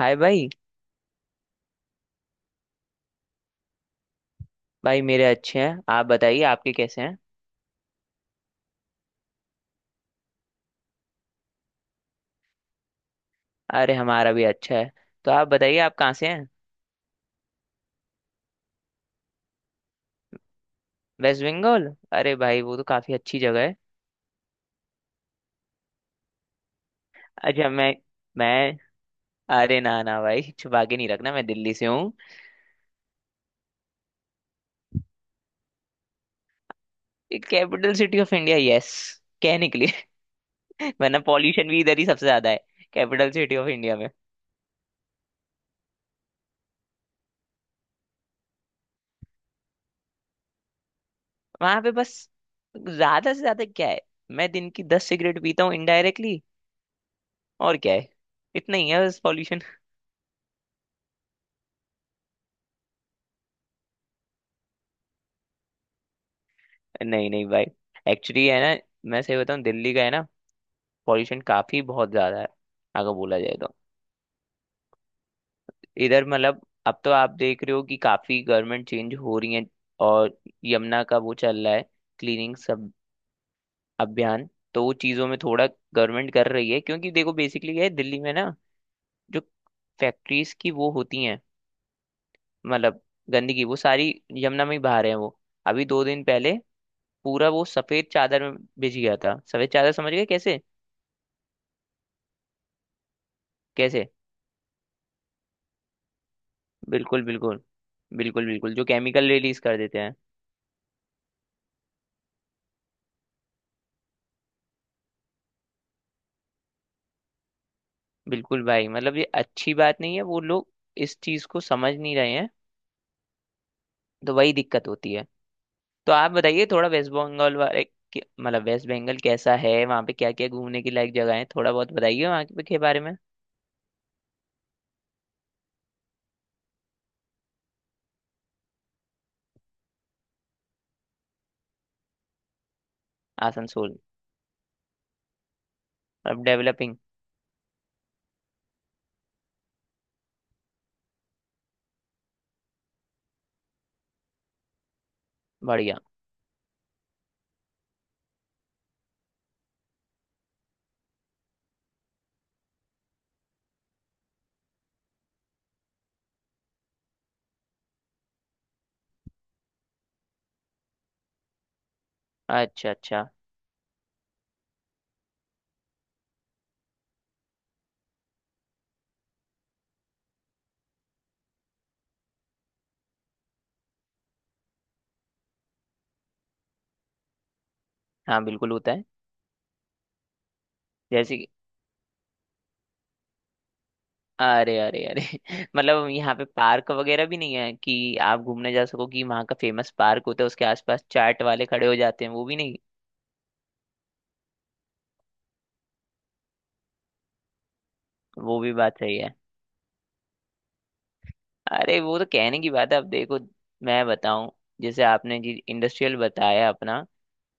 हाय भाई। भाई मेरे अच्छे हैं, आप बताइए आपके कैसे हैं। अरे हमारा भी अच्छा है। तो आप बताइए आप कहाँ से हैं। वेस्ट बंगाल? अरे भाई वो तो काफी अच्छी जगह है। अच्छा मैं अरे ना ना भाई, छुपा के नहीं रखना, मैं दिल्ली से हूँ। Capital city of India, yes, कहने के लिए। वरना पॉल्यूशन भी इधर ही सबसे ज्यादा है, कैपिटल सिटी ऑफ इंडिया में। वहां पे बस ज्यादा से ज्यादा क्या है, मैं दिन की 10 सिगरेट पीता हूँ इनडायरेक्टली। और क्या है, इतना ही है बस पॉल्यूशन। नहीं नहीं भाई, एक्चुअली है ना, मैं सही बताऊँ दिल्ली का है ना, पॉल्यूशन काफी बहुत ज्यादा है अगर बोला जाए तो। इधर मतलब अब तो आप देख रहे हो कि काफी गवर्नमेंट चेंज हो रही है, और यमुना का वो चल रहा है, क्लीनिंग सब अभियान। तो वो चीजों में थोड़ा गवर्नमेंट कर रही है, क्योंकि देखो बेसिकली ये है, दिल्ली में ना जो फैक्ट्रीज की वो होती हैं, मतलब गंदगी वो सारी यमुना में ही बहा रहे हैं वो। अभी दो दिन पहले पूरा वो सफेद चादर में भिज गया था। सफेद चादर समझ गए, कैसे? कैसे? बिल्कुल बिल्कुल। बिल्कुल बिल्कुल, जो केमिकल रिलीज कर देते हैं। बिल्कुल भाई, मतलब ये अच्छी बात नहीं है, वो लोग इस चीज को समझ नहीं रहे हैं, तो वही दिक्कत होती है। तो आप बताइए थोड़ा वेस्ट बंगाल वाले मतलब वेस्ट बंगाल कैसा है, वहाँ पे क्या क्या घूमने की लायक जगह है, थोड़ा बहुत बताइए वहाँ के बारे में। आसनसोल? अब डेवलपिंग। बढ़िया। अच्छा अच्छा। हाँ बिल्कुल होता है। जैसे अरे अरे अरे मतलब यहाँ पे पार्क वगैरह भी नहीं है कि आप घूमने जा सको, कि वहाँ का फेमस पार्क होता है उसके आसपास चाट वाले खड़े हो जाते हैं, वो भी नहीं? वो भी बात सही है। अरे वो तो कहने की बात है, अब देखो मैं बताऊं, जैसे आपने जी इंडस्ट्रियल बताया अपना,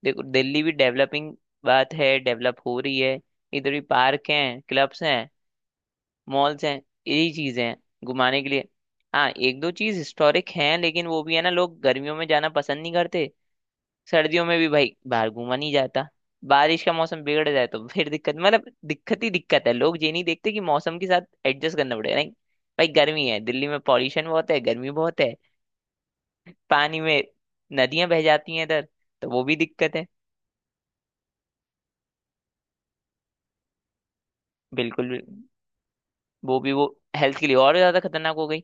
देखो दिल्ली भी डेवलपिंग, बात है डेवलप हो रही है। इधर भी पार्क हैं, क्लब्स हैं, मॉल्स हैं, यही चीजें हैं घुमाने के लिए। हाँ एक दो चीज हिस्टोरिक हैं, लेकिन वो भी है ना, लोग गर्मियों में जाना पसंद नहीं करते। सर्दियों में भी भाई बाहर घूमा नहीं जाता। बारिश का मौसम बिगड़ जाए तो फिर दिक्कत, मतलब दिक्कत ही दिक्कत है। लोग ये नहीं देखते कि मौसम के साथ एडजस्ट करना पड़ेगा। नहीं भाई, गर्मी है, दिल्ली में पॉल्यूशन बहुत है, गर्मी बहुत है, पानी में नदियां बह जाती हैं इधर, तो वो भी दिक्कत है। बिल्कुल भी- वो हेल्थ के लिए और ज्यादा खतरनाक हो गई।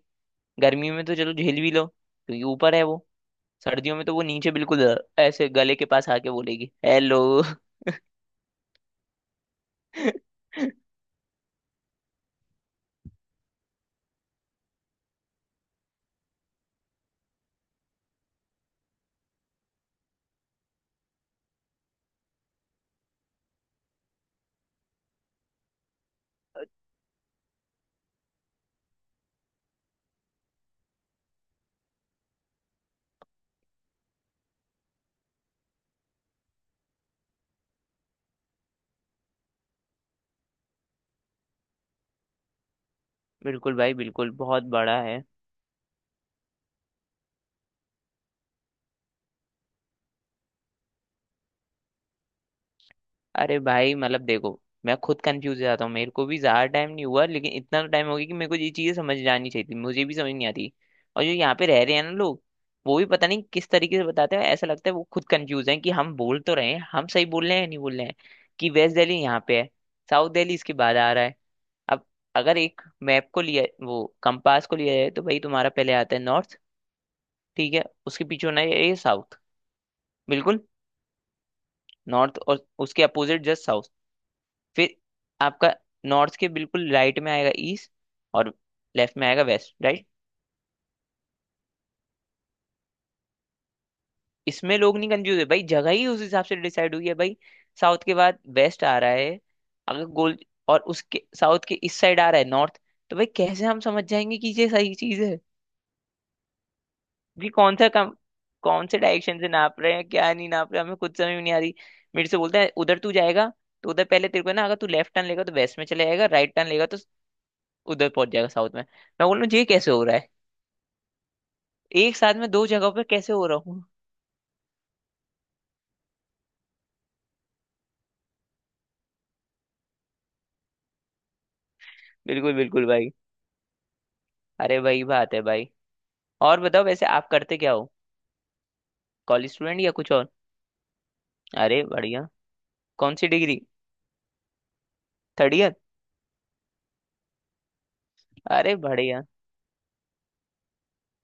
गर्मी में तो चलो झेल भी लो, क्योंकि ऊपर है वो, सर्दियों में तो वो नीचे बिल्कुल ऐसे गले के पास आके बोलेगी हेलो। बिल्कुल भाई, बिल्कुल बहुत बड़ा है। अरे भाई मतलब देखो, मैं खुद कंफ्यूज हो जाता हूँ, मेरे को भी ज्यादा टाइम नहीं हुआ, लेकिन इतना टाइम हो गया कि मेरे को ये चीजें समझ जानी चाहिए थी, मुझे भी समझ नहीं आती। और जो यहाँ पे रह रहे हैं ना लोग, वो भी पता नहीं किस तरीके से बताते हैं, ऐसा लगता है वो खुद कंफ्यूज हैं कि हम बोल तो रहे हैं, हम सही बोल रहे हैं या नहीं बोल रहे हैं। कि वेस्ट दिल्ली यहाँ पे है, साउथ दिल्ली इसके बाद आ रहा है। अब अगर एक मैप को लिया, वो कंपास को लिया जाए, तो भाई तुम्हारा पहले आता है नॉर्थ, ठीक है, उसके पीछे होना है ये साउथ। बिल्कुल। नॉर्थ और उसके अपोजिट जस्ट साउथ। फिर आपका नॉर्थ के बिल्कुल राइट में आएगा ईस्ट, और लेफ्ट में आएगा वेस्ट, राइट? इसमें लोग नहीं कंफ्यूज है भाई, जगह ही उस हिसाब से डिसाइड हुई है भाई। साउथ के बाद वेस्ट आ रहा है अगर गोल, और उसके साउथ के इस साइड आ रहा है नॉर्थ, तो भाई कैसे हम समझ जाएंगे कि ये सही चीज है। जी कौन सा कम, कौन से डायरेक्शन से नाप रहे हैं क्या, नहीं नाप रहे हैं, हमें खुद समझ में नहीं आ रही। मेरे से बोलता है उधर तू जाएगा, तो उधर पहले तेरे को ना, अगर तू लेफ्ट टर्न लेगा तो वेस्ट में चले जाएगा, राइट टर्न लेगा तो उधर पहुंच जाएगा साउथ में, मैं बोल रहा हूँ ये कैसे हो रहा है, एक साथ में दो जगहों पे कैसे हो रहा हूँ। बिल्कुल बिल्कुल भाई, अरे वही बात है भाई। और बताओ, वैसे आप करते क्या हो? कॉलेज स्टूडेंट या कुछ और? अरे बढ़िया। कौन सी डिग्री? Third year? अरे बढ़िया।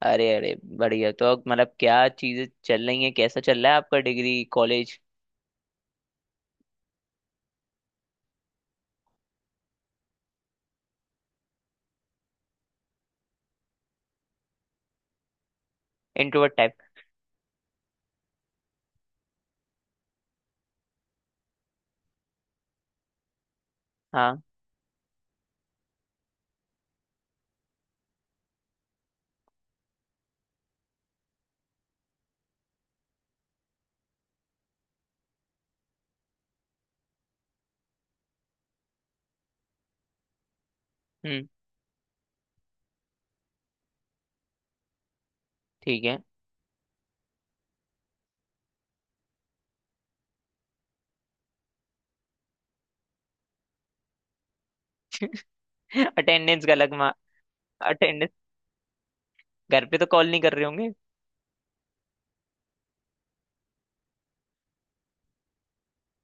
अरे अरे बढ़िया, तो अब मतलब क्या चीजें चल रही हैं, कैसा चल रहा है आपका डिग्री कॉलेज? Introvert type? हाँ। हम्म। ठीक है। अटेंडेंस का अलग मा- अटेंडेंस घर पे तो कॉल नहीं कर रहे होंगे?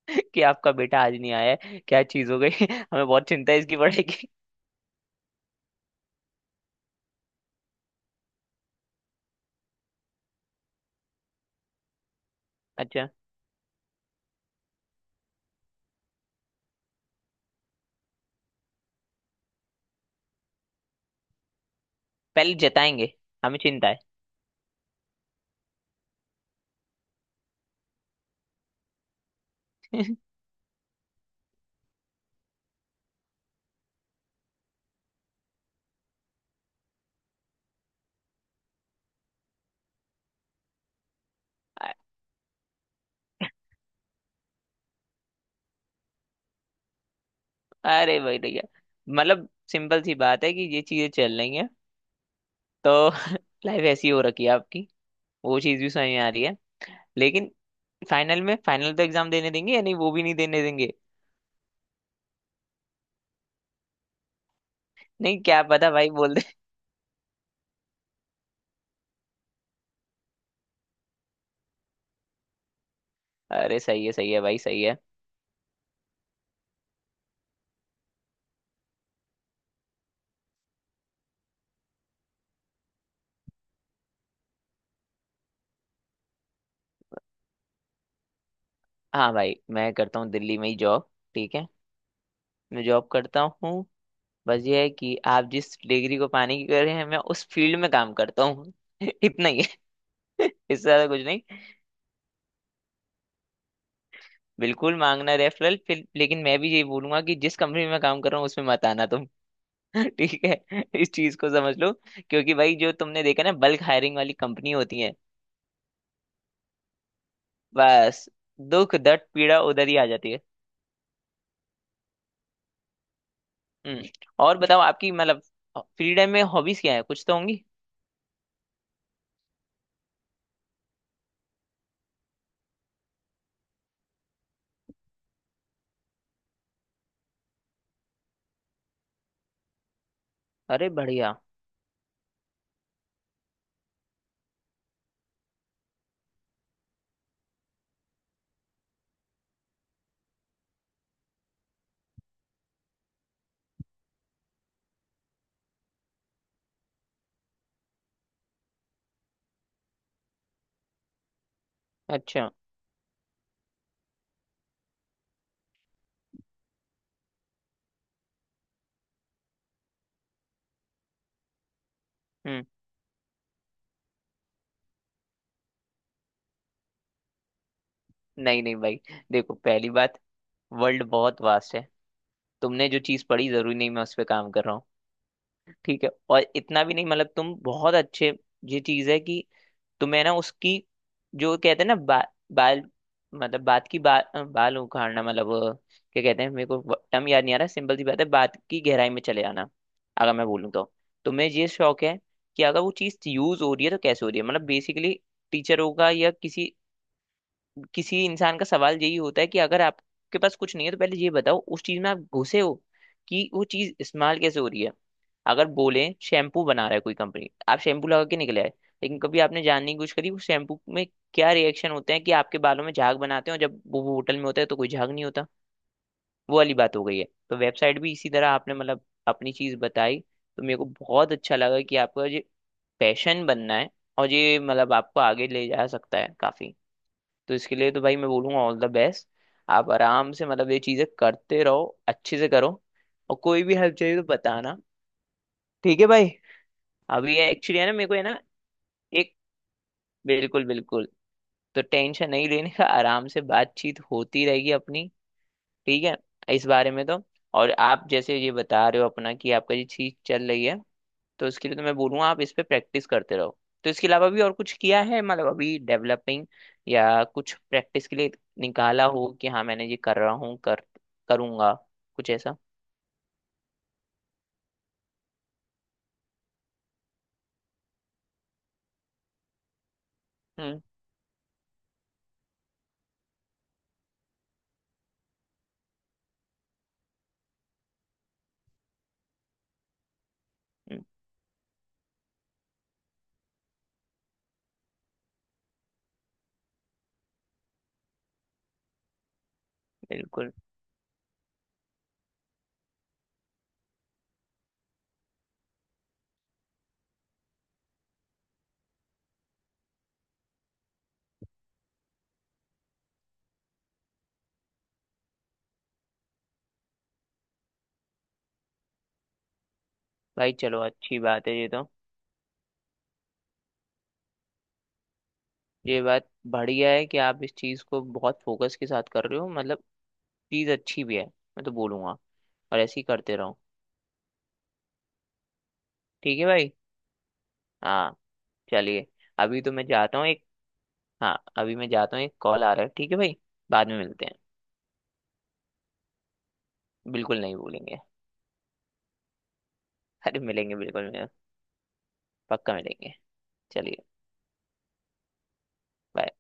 कि आपका बेटा आज नहीं आया है, क्या चीज हो गई, हमें बहुत चिंता है, इसकी बढ़ेगी। अच्छा। पहले जताएंगे, हमें चिंता है। अ- अरे भाई भैया, मतलब सिंपल सी बात है कि ये चीजें चल रही हैं, तो लाइफ ऐसी हो रखी है आपकी, वो चीज भी समझ में आ रही है। लेकिन फाइनल में, फाइनल तो एग्जाम देने देंगे या नहीं, वो भी नहीं देने देंगे? नहीं क्या पता भाई बोल दे। अरे सही है भाई, सही है। हाँ भाई, मैं करता हूँ दिल्ली में ही जॉब, ठीक है, मैं जॉब करता हूँ। बस ये है कि आप जिस डिग्री को पाने की कर रहे हैं, मैं उस फील्ड में काम करता हूँ। इतना ही है, इससे ज्यादा कुछ नहीं। बिल्कुल मांगना रेफरल फिर, लेकिन मैं भी यही बोलूंगा कि जिस कंपनी में मैं काम कर रहा हूँ उसमें मत आना तुम। ठीक है, इस चीज को समझ लो, क्योंकि भाई जो तुमने देखा ना बल्क हायरिंग वाली कंपनी होती है बस, दुख दर्द पीड़ा उधर ही आ जाती है। हम्म। और बताओ, आपकी मतलब फ्री टाइम में हॉबीज क्या है, कुछ तो होंगी। अरे बढ़िया। अच्छा। हम्म। नहीं नहीं भाई, देखो पहली बात, वर्ल्ड बहुत वास्ट है, तुमने जो चीज पढ़ी जरूरी नहीं मैं उस पर काम कर रहा हूँ, ठीक है। और इतना भी नहीं, मतलब तुम बहुत अच्छे, ये चीज है कि, तो मैं ना उसकी, जो कहते हैं ना बाल, मतलब बात की बाल उखाड़ना, मतलब क्या कहते हैं, मेरे को टर्म याद नहीं आ रहा, सिंपल सी बात है, बात की गहराई में चले जाना अगर मैं बोलूँ तो। तो मैं ये शौक है कि अगर वो चीज़ यूज हो रही है तो कैसे हो रही है, मतलब बेसिकली। टीचर होगा या किसी, किसी इंसान का सवाल यही होता है कि अगर आपके पास कुछ नहीं है, तो पहले ये बताओ उस चीज में आप घुसे हो, कि वो चीज इस्तेमाल कैसे हो रही है। अगर बोले शैम्पू बना रहा है कोई कंपनी, आप शैम्पू लगा के निकले आए, लेकिन कभी आपने जानने की कोशिश करी उस शैम्पू में क्या रिएक्शन होते हैं, कि आपके बालों में झाग बनाते हैं और जब वो होटल में होता है तो कोई झाग नहीं होता, वो वाली बात हो गई है। तो वेबसाइट भी इसी तरह आपने मतलब अपनी चीज बताई, तो मेरे को बहुत अच्छा लगा कि आपका ये पैशन बनना है, और ये मतलब आपको आगे ले जा सकता है काफी। तो इसके लिए तो भाई मैं बोलूंगा ऑल द बेस्ट, आप आराम से मतलब ये चीजें करते रहो, अच्छे से करो, और कोई भी हेल्प चाहिए तो बताना, ठीक है भाई। अभी ये एक्चुअली है ना, मेरे को है ना एक, बिल्कुल बिल्कुल, तो टेंशन नहीं लेने का, आराम से बातचीत होती रहेगी अपनी, ठीक है इस बारे में तो। और आप जैसे ये बता रहे हो अपना कि आपका ये चीज चल रही है, तो इसके लिए तो मैं बोलूँगा आप इस पे प्रैक्टिस करते रहो। तो इसके अलावा भी और कुछ किया है, मतलब अभी डेवलपिंग या कुछ प्रैक्टिस के लिए निकाला हो, कि हाँ मैंने ये कर रहा हूँ, कर करूँगा, कुछ ऐसा? हम्म। हम्म, बिल्कुल भाई। चलो अच्छी बात है ये तो, ये बात बढ़िया है कि आप इस चीज़ को बहुत फोकस के साथ कर रहे हो, मतलब चीज़ अच्छी भी है, मैं तो बोलूँगा और ऐसे ही करते रहो, ठीक है भाई। हाँ चलिए, अभी तो मैं जाता हूँ एक, हाँ अभी मैं जाता हूँ, एक कॉल आ रहा है, ठीक है भाई, बाद में मिलते हैं। बिल्कुल नहीं भूलेंगे। अरे मिलेंगे बिल्कुल मिलेंगे, पक्का मिलेंगे, चलिए bye।